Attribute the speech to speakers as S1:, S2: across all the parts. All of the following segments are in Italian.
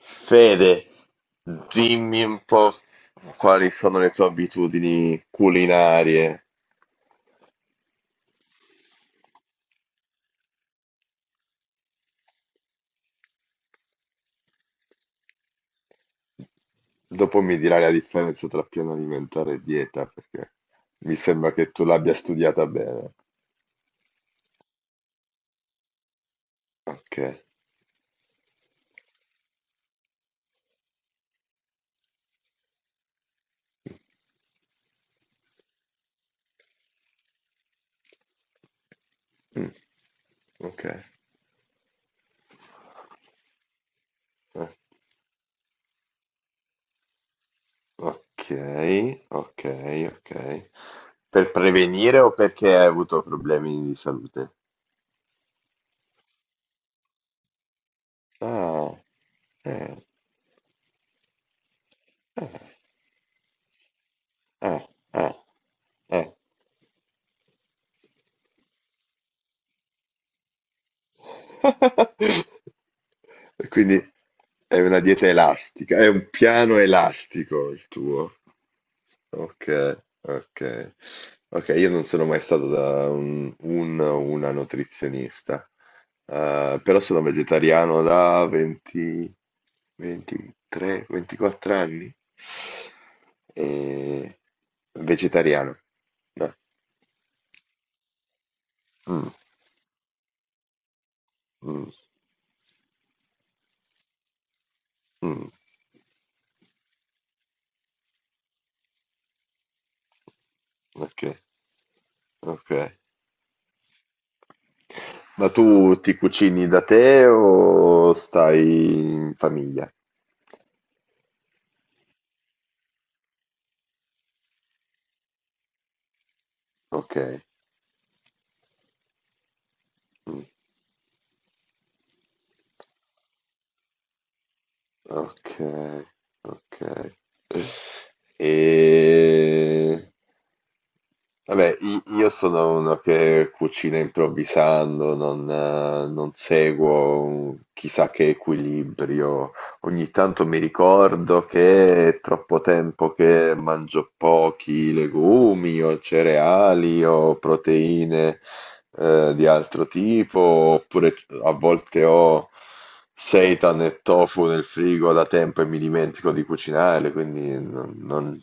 S1: Fede, dimmi un po' quali sono le tue abitudini culinarie. Dopo mi dirai la differenza tra piano alimentare e dieta, perché mi sembra che tu l'abbia studiata bene. Ok, mm, ok, eh, ok, ok, ok. Per prevenire o perché hai avuto problemi di salute? Ah, eh, eh, eh, eh, eh. E quindi è una dieta elastica, è un piano elastico il tuo. Ok, ok. Ok, io non sono mai stato da una nutrizionista. Però sono vegetariano da 20, 23, 24 anni. E vegetariano. Eh, mm, mm, mm, ok, ok. Ma tu ti cucini da te o stai in famiglia? Okay, mh, okay, okay. E Vabbè, io sono uno che cucina improvvisando, non seguo un chissà che equilibrio. Ogni tanto mi ricordo che è troppo tempo che mangio pochi legumi o cereali o proteine, di altro tipo, oppure a volte ho seitan e tofu nel frigo da tempo e mi dimentico di cucinare, quindi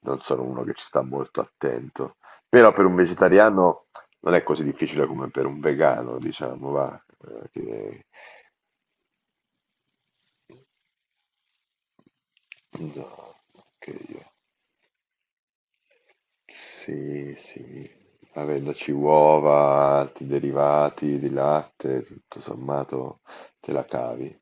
S1: non sono uno che ci sta molto attento. Però per un vegetariano non è così difficile come per un vegano, diciamo, va. No, che io- sì, sì. Avendoci uova, altri derivati di latte, tutto sommato te la cavi.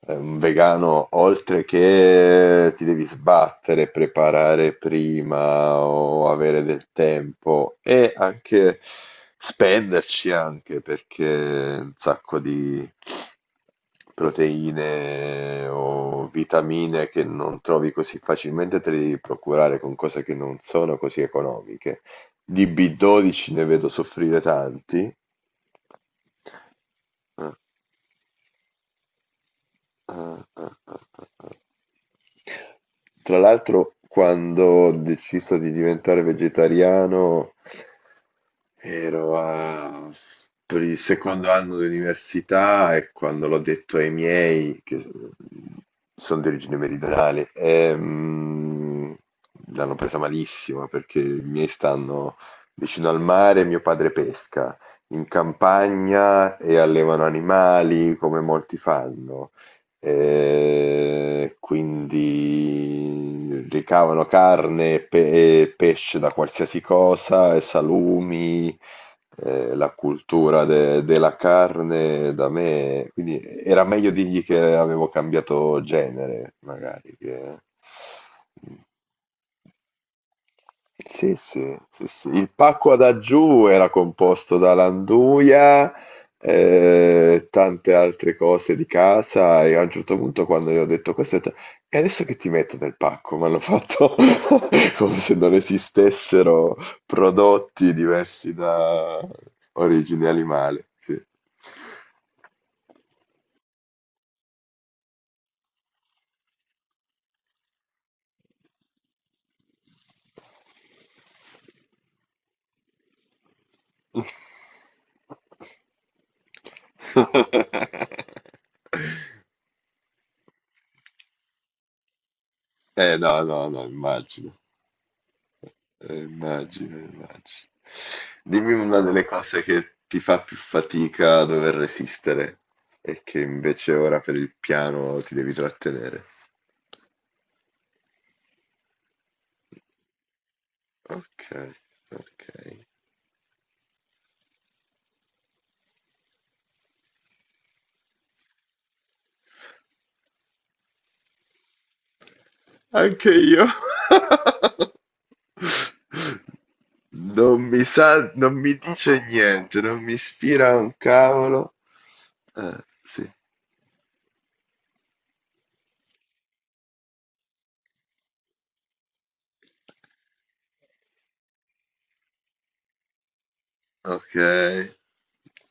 S1: È un vegano, oltre che ti devi sbattere, preparare prima o avere del tempo e anche spenderci anche perché un sacco di proteine o vitamine che non trovi così facilmente te le devi procurare con cose che non sono così economiche. Di B12 ne vedo soffrire tanti. Ah, ah, ah, ah, ah. Tra l'altro quando ho deciso di diventare vegetariano ero a- per il secondo anno di università e quando l'ho detto ai miei, che sono di origine meridionale, l'hanno presa malissimo perché i miei stanno vicino al mare, mio padre pesca in campagna e allevano animali come molti fanno. Quindi ricavano carne e e pesce da qualsiasi cosa, e salumi, la cultura della carne da me. Quindi era meglio dirgli che avevo cambiato genere, magari. Sì, sì, sì, sì. Il pacco ad aggiù era composto da Landuia, tante altre cose di casa e a un certo punto quando gli ho detto questo, ho detto, e adesso che ti metto nel pacco? Mi hanno fatto come se non esistessero prodotti diversi da origine animale. Sì. Eh no, no, no, immagino. Immagino, immagino. Dimmi una delle cose che ti fa più fatica a dover resistere e che invece ora per il piano ti devi trattenere. Ok, ok. Anche io. Non mi sa, non mi dice niente, non mi ispira un cavolo. Sì, ok.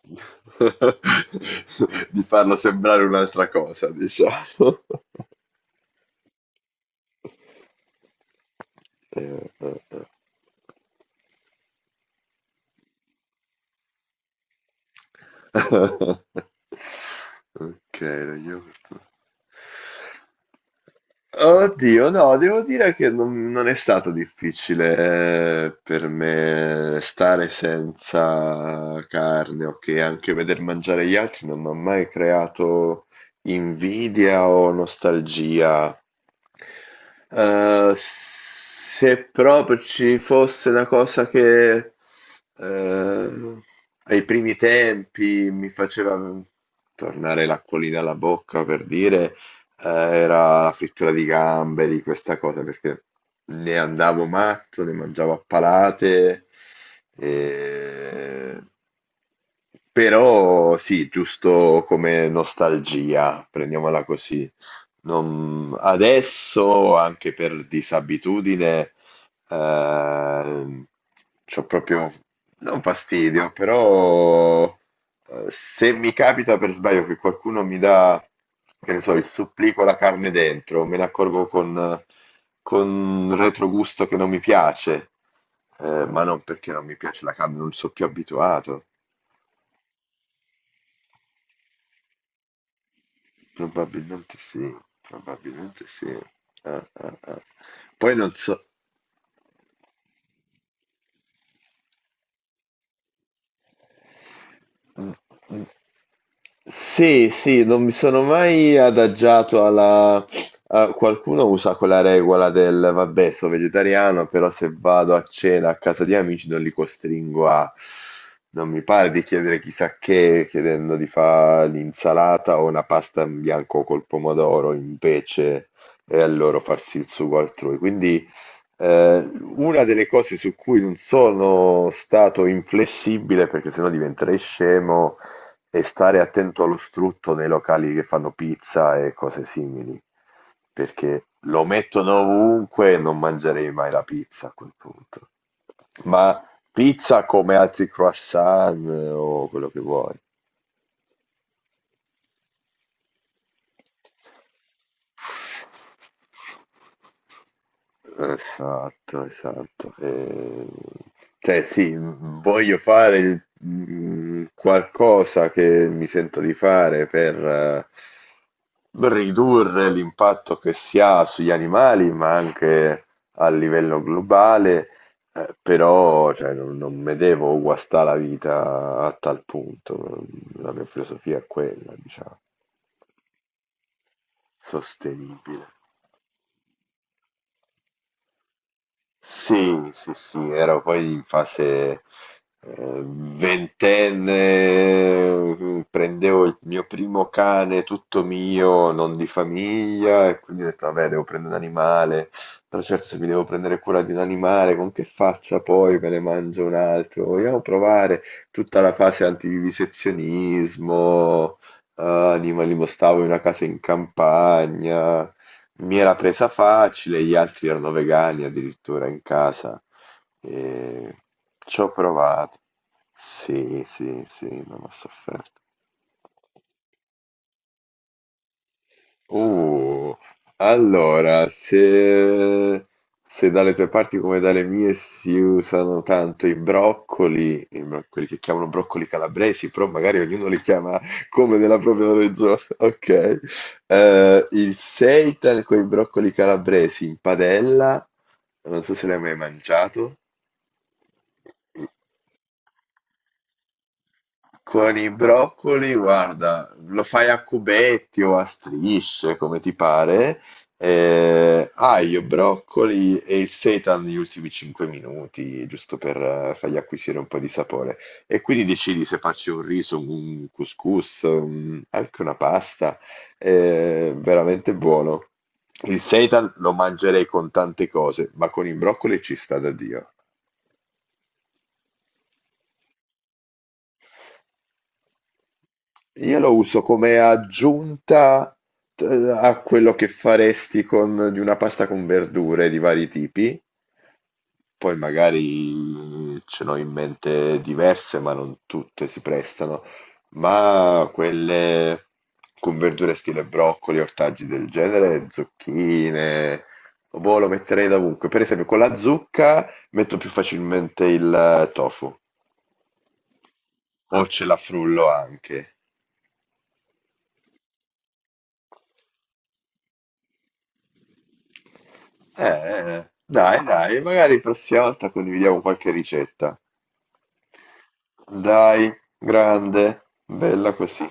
S1: Di farlo sembrare un'altra cosa, diciamo. Eh. Ok, Roberto. Oddio, no, devo dire che non è stato difficile per me stare senza carne, ok, anche veder mangiare gli altri non mi ha mai creato invidia o nostalgia. Se proprio ci fosse una cosa che ehm, ai primi tempi mi faceva tornare l'acquolina alla bocca per dire, era la frittura di gamberi, questa cosa, perché ne andavo matto, ne mangiavo a palate, e- però sì, giusto come nostalgia, prendiamola così. Adesso, anche per disabitudine, ehm, c'ho proprio, non fastidio, però se mi capita per sbaglio che qualcuno mi dà, che ne so, il supplì con la carne dentro, me ne accorgo con retrogusto che non mi piace, ma non perché non mi piace la carne, non sono più abituato. Probabilmente sì, probabilmente sì. Eh. Poi non so. Sì, sì, sì, non mi sono mai adagiato alla... qualcuno usa quella regola del, vabbè, sono vegetariano, però se vado a cena a casa di amici non li costringo a... Non mi pare di chiedere chissà che, chiedendo di fare l'insalata o una pasta in bianco col pomodoro, invece, e a loro farsi il sugo altrui. Quindi... Eh, una delle cose su cui non sono stato inflessibile, perché sennò diventerei scemo, e stare attento allo strutto nei locali che fanno pizza e cose simili, perché lo mettono ovunque e non mangerei mai la pizza a quel punto. Ma pizza come altri croissant o quello che vuoi. Esatto, esatto. Cioè sì, voglio fare il qualcosa che mi sento di fare per ridurre l'impatto che si ha sugli animali, ma anche a livello globale, però cioè, non mi devo guastare la vita a tal punto. La mia filosofia è quella, diciamo, sostenibile. Sì, sì, sì, ero poi in fase ventenne, prendevo il mio primo cane tutto mio, non di famiglia, e quindi ho detto, vabbè, devo prendere un animale, però certo se mi devo prendere cura di un animale, con che faccia poi me ne mangio un altro? Vogliamo provare tutta la fase antivivisezionismo, animalismo, stavo in una casa in campagna mi era presa facile, gli altri erano vegani addirittura in casa. E ci ho provato. Sì, sì, sì, non ho sofferto. Uh, allora, se dalle tue parti come dalle mie si usano tanto i broccoli, quelli che chiamano broccoli calabresi, però magari ognuno li chiama come nella propria regione, ok? Il seitan con i broccoli calabresi in padella, non so se l'hai mai mangiato. Con i broccoli, guarda, lo fai a cubetti o a strisce, come ti pare. Aglio, broccoli e il seitan negli ultimi 5 minuti, giusto per fargli acquisire un po' di sapore. E quindi decidi se faccio un riso, un couscous, anche una pasta. Veramente buono. Il seitan lo mangerei con tante cose, ma con i broccoli ci sta da Dio. Io lo uso come aggiunta a quello che faresti con di una pasta con verdure di vari tipi, poi magari ce n'ho in mente diverse, ma non tutte si prestano, ma quelle con verdure stile broccoli, ortaggi del genere, zucchine, boh, lo metterei dovunque. Per esempio con la zucca metto più facilmente il tofu, o ce la frullo anche. Dai, dai, magari prossima volta condividiamo qualche ricetta. Dai, grande, bella così.